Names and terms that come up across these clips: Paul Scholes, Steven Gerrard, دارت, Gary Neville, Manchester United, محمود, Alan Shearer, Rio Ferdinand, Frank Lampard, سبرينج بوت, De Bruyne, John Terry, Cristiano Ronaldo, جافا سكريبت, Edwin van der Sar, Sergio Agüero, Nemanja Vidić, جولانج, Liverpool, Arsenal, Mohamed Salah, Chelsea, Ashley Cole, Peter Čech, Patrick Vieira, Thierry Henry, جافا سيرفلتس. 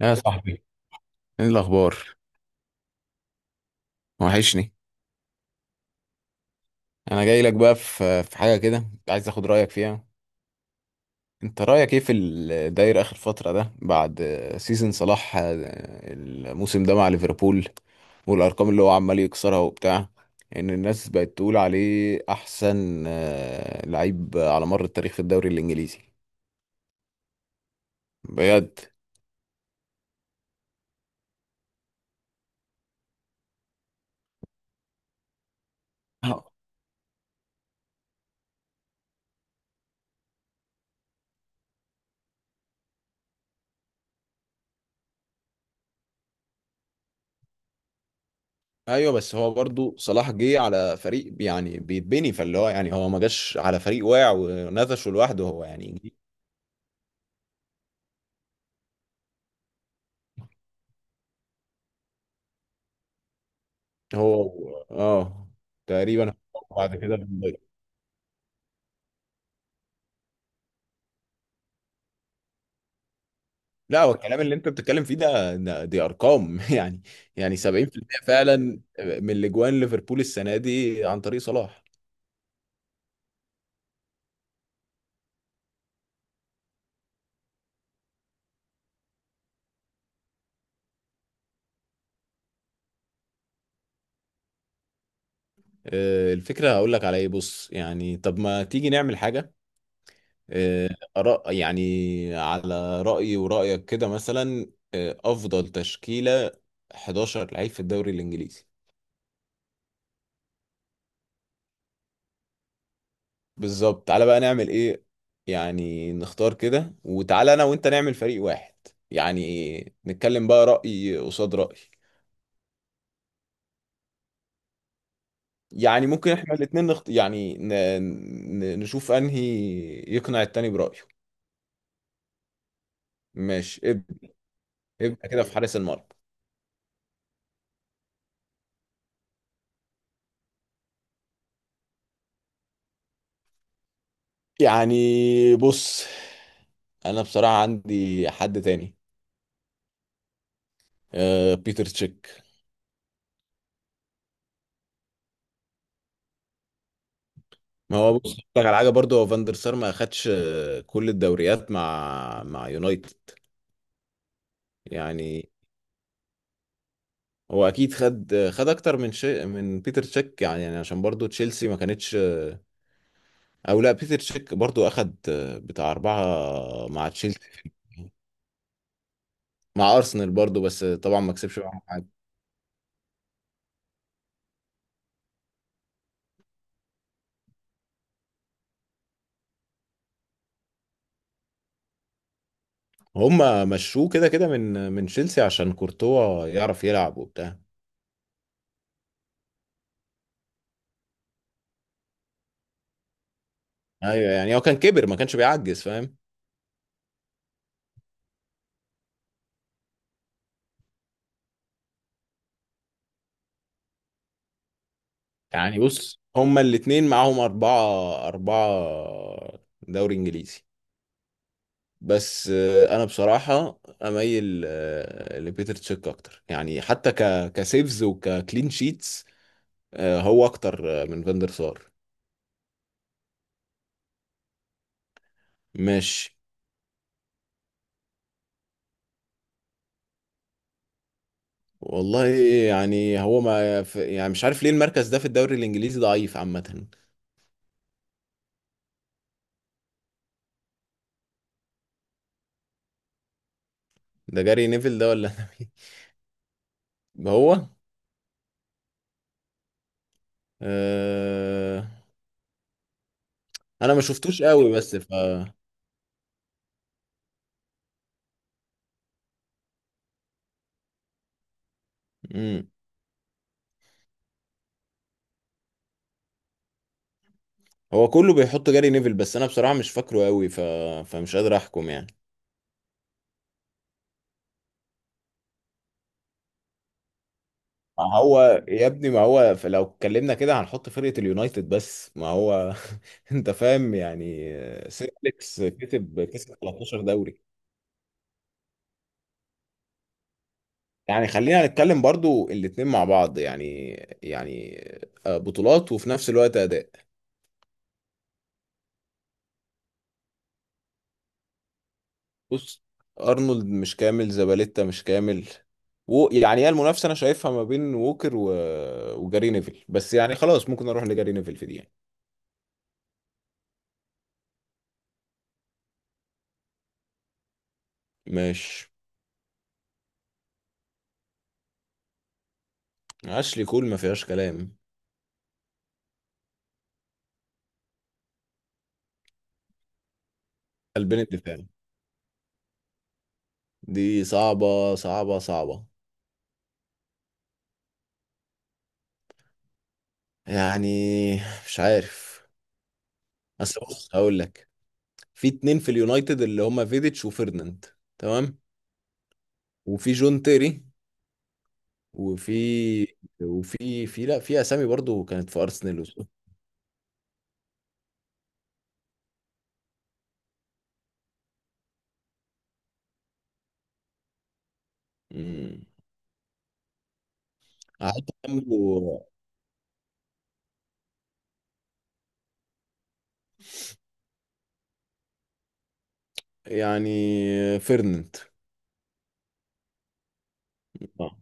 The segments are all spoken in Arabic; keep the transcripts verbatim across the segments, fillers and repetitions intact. يا صاحبي، ايه الاخبار؟ وحشني. انا جاي لك بقى في في حاجه كده، كنت عايز اخد رايك فيها. انت رايك ايه في الداير اخر فتره ده؟ بعد سيزن صلاح، الموسم ده مع ليفربول، والارقام اللي هو عمال يكسرها وبتاع، ان الناس بقت تقول عليه احسن آه، لعيب على مر التاريخ في الدوري الانجليزي؟ بجد. آه. ايوه، بس هو برضو صلاح جه على فريق يعني بيتبني، فاللي هو يعني هو ما جاش على فريق واقع ونفشه لوحده هو يعني. هو اه. تقريبا. بعد كده بنضيع. لا، هو الكلام اللي انت بتتكلم فيه ده ده- دي ارقام يعني. يعني سبعين في المية فعلا من الاجوان ليفربول السنه دي عن طريق صلاح. آه، الفكره هقول لك على ايه. بص، يعني طب ما تيجي نعمل حاجه. آه. آراء- يعني على رايي ورايك كده مثلا، آه، افضل تشكيله حداشر لعيب في الدوري الانجليزي. بالظبط، تعالى بقى نعمل ايه. يعني نختار كده، وتعالى انا وانت نعمل فريق واحد. يعني نتكلم بقى رأي قصاد رأي. يعني ممكن احنا الاتنين نخت... يعني ن... ن... نشوف انهي يقنع التاني برأيه. ماشي، ابدأ. ابدأ كده في حارس المرمى. يعني بص، انا بصراحة عندي حد تاني. آه، بيتر تشيك. ما هو بص، أقول لك على حاجة برضه. هو فاندر سار ما اخدش آه، كل الدوريات مع مع يونايتد. يعني. هو اكيد خد خد اكتر من شيء من بيتر تشيك يعني يعني عشان برضو تشيلسي ما كانتش. او لا، بيتر تشيك برضو اخد بتاع اربعة مع تشيلسي. مع ارسنال برضو بس طبعا ما كسبش معاهم حاجة. هما مشوه كده كده من من تشيلسي عشان كورتوا يعرف يلعب وبتاع. ايوه، يعني هو كان كبر ما كانش بيعجز، فاهم. يعني بص، هما الاتنين معاهم اربعة اربعة دوري انجليزي. بس آه، انا بصراحه اميل آه، لبيتر تشيك اكتر، يعني حتى ك كسيفز وككلين شيتس آه، هو اكتر آه، من فاندر سار. ماشي. والله، يعني هو ما ف- يعني مش عارف ليه المركز ده في الدوري الانجليزي ضعيف عامه. ده جاري نيفل ده، ولا أنا مين. هو. أه... انا ما شفتوش قوي، بس ف. مم. هو كله بيحط جاري نيفل، بس انا بصراحه مش فاكره قوي ف... فمش قادر احكم يعني. ما هو يا ابني، ما هو ف- لو اتكلمنا كده هنحط فرقة اليونايتد بس. ما هو انت فاهم، يعني آه، سير أليكس كسب كسب تلتاشر دوري. يعني خلينا نتكلم برضو الاتنين مع بعض، يعني. يعني آه، بطولات وفي نفس الوقت أداء. بص، أرنولد مش كامل، زباليتا مش كامل، و يعني هي المنافسة أنا شايفها ما بين ووكر و... وجاري نيفل. بس يعني خلاص، ممكن أروح لجاري نيفل في دي يعني. ماشي. أشلي كول ما فيهاش كلام. قلبين الدفاع. دي صعبة صعبة صعبة. يعني مش عارف. بس بص هقول لك، في اتنين في اليونايتد اللي هما فيديتش وفيرناند. تمام. وفي جون تيري. وفي. وفي في لا، في اسامي برضو كانت في ارسنال وس- مم. هحط جنبه. يعني فيرناند. آه.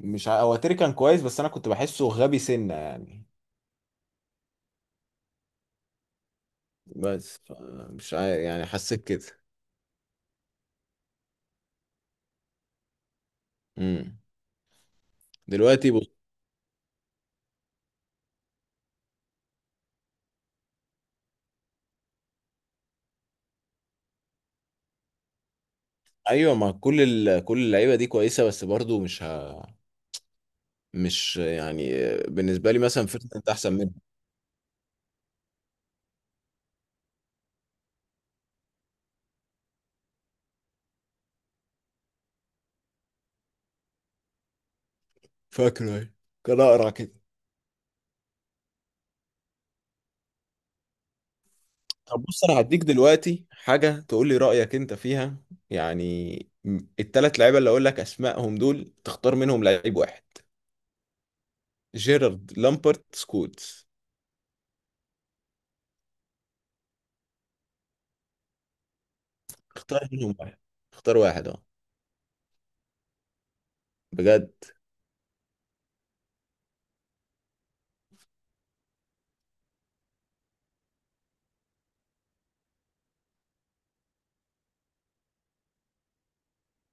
مش ع- هو تيري كان كويس، بس انا كنت بحسه غبي سنة يعني. بس ف- مش عارف، يعني حسيت كده. مم. دلوقتي. ايوه، ما كل ال... كل اللعيبه دي كويسه، بس برضو مش ه... مش يعني، بالنسبه لي مثلا فيرتز انت احسن منه. فاكره ايه؟ كان اقرع كده. طب بص، انا هديك دلوقتي حاجه تقول لي رايك انت فيها. يعني م- التلات لعيبه اللي اقول لك اسمائهم دول، تختار منهم لعيب واحد. جيرارد، لامبرت، سكولز. اختار منهم واحد. اختار واحد اه. بجد.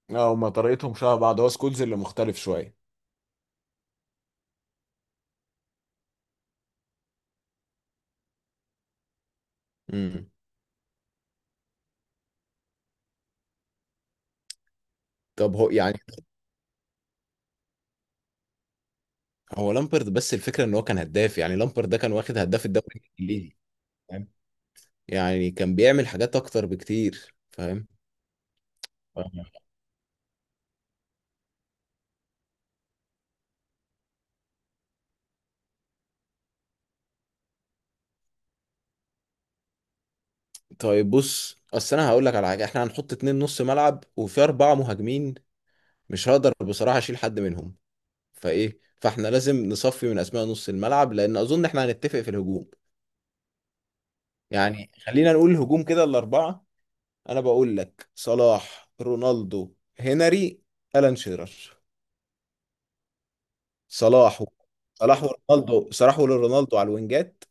اه، هما طريقتهم شبه بعض. هو سكولز اللي مختلف شوية. امم. طب هو يعني، هو لامبرد. بس الفكره ان هو كان هداف. يعني لامبرد ده كان واخد هداف الدوري الانجليزي، فاهم. يعني كان بيعمل حاجات اكتر بكتير، فاهم. فاهم. طيب بص، اصل انا هقول لك على حاجه. احنا هنحط اتنين نص ملعب وفي اربعه مهاجمين. مش هقدر بصراحه اشيل حد منهم. فايه، فاحنا لازم نصفي من اسماء نص الملعب، لان اظن احنا هنتفق في الهجوم. يعني خلينا نقول الهجوم كده الاربعه. انا بقول لك صلاح، رونالدو، هنري، الان شيرر. صلاح و- صلاح ورونالدو صلاح ورونالدو على الوينجات.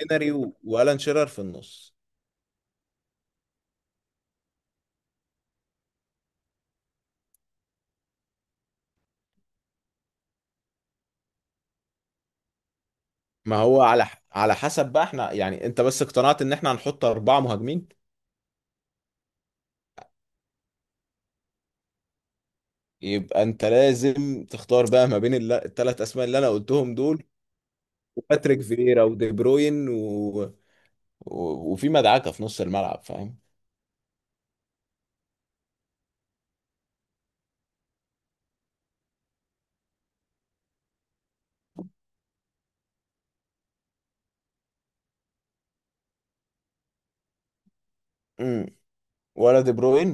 هنري و- والان شيرر في النص. ما هو على ح- على حسب بقى احنا يعني. انت بس اقتنعت ان احنا هنحط اربعة مهاجمين، يبقى انت لازم تختار بقى ما بين الثلاث اسماء اللي انا قلتهم دول. وباتريك فييرا ودي بروين و... و... وفي مدعكة في نص الملعب، فاهم. امم. ولا دي بروين.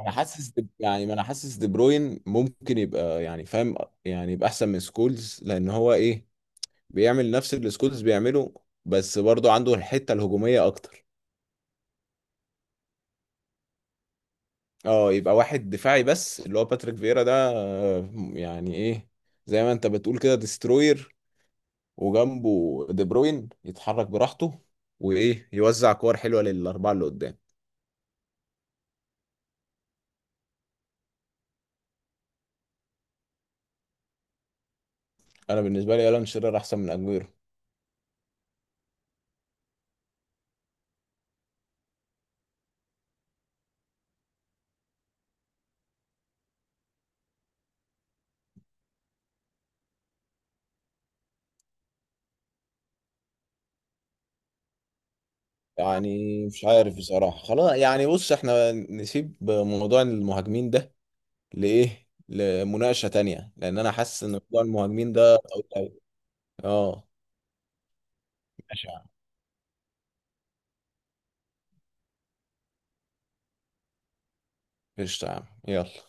انا حاسس دي... يعني ما انا حاسس دي بروين ممكن يبقى، يعني فاهم. يعني يبقى احسن من سكولز، لان هو ايه، بيعمل نفس اللي سكولز بيعمله، بس برضه عنده الحتة الهجومية أكتر. اه، يبقى واحد دفاعي بس اللي هو باتريك فييرا ده، آه، يعني ايه، زي ما انت بتقول كده، ديستروير. وجنبه دي بروين يتحرك براحته وايه، يوزع كور حلوة للأربعة اللي قدام. انا بالنسبة لي الان شيرر احسن من اجويرو. يعني مش عارف بصراحة. خلاص يعني، بص احنا نسيب موضوع المهاجمين ده لإيه لمناقشة تانية، لأن أنا حاسس إن موضوع المهاجمين ده طويل أوي. اه. ماشي. قشطة يا عم، يلا.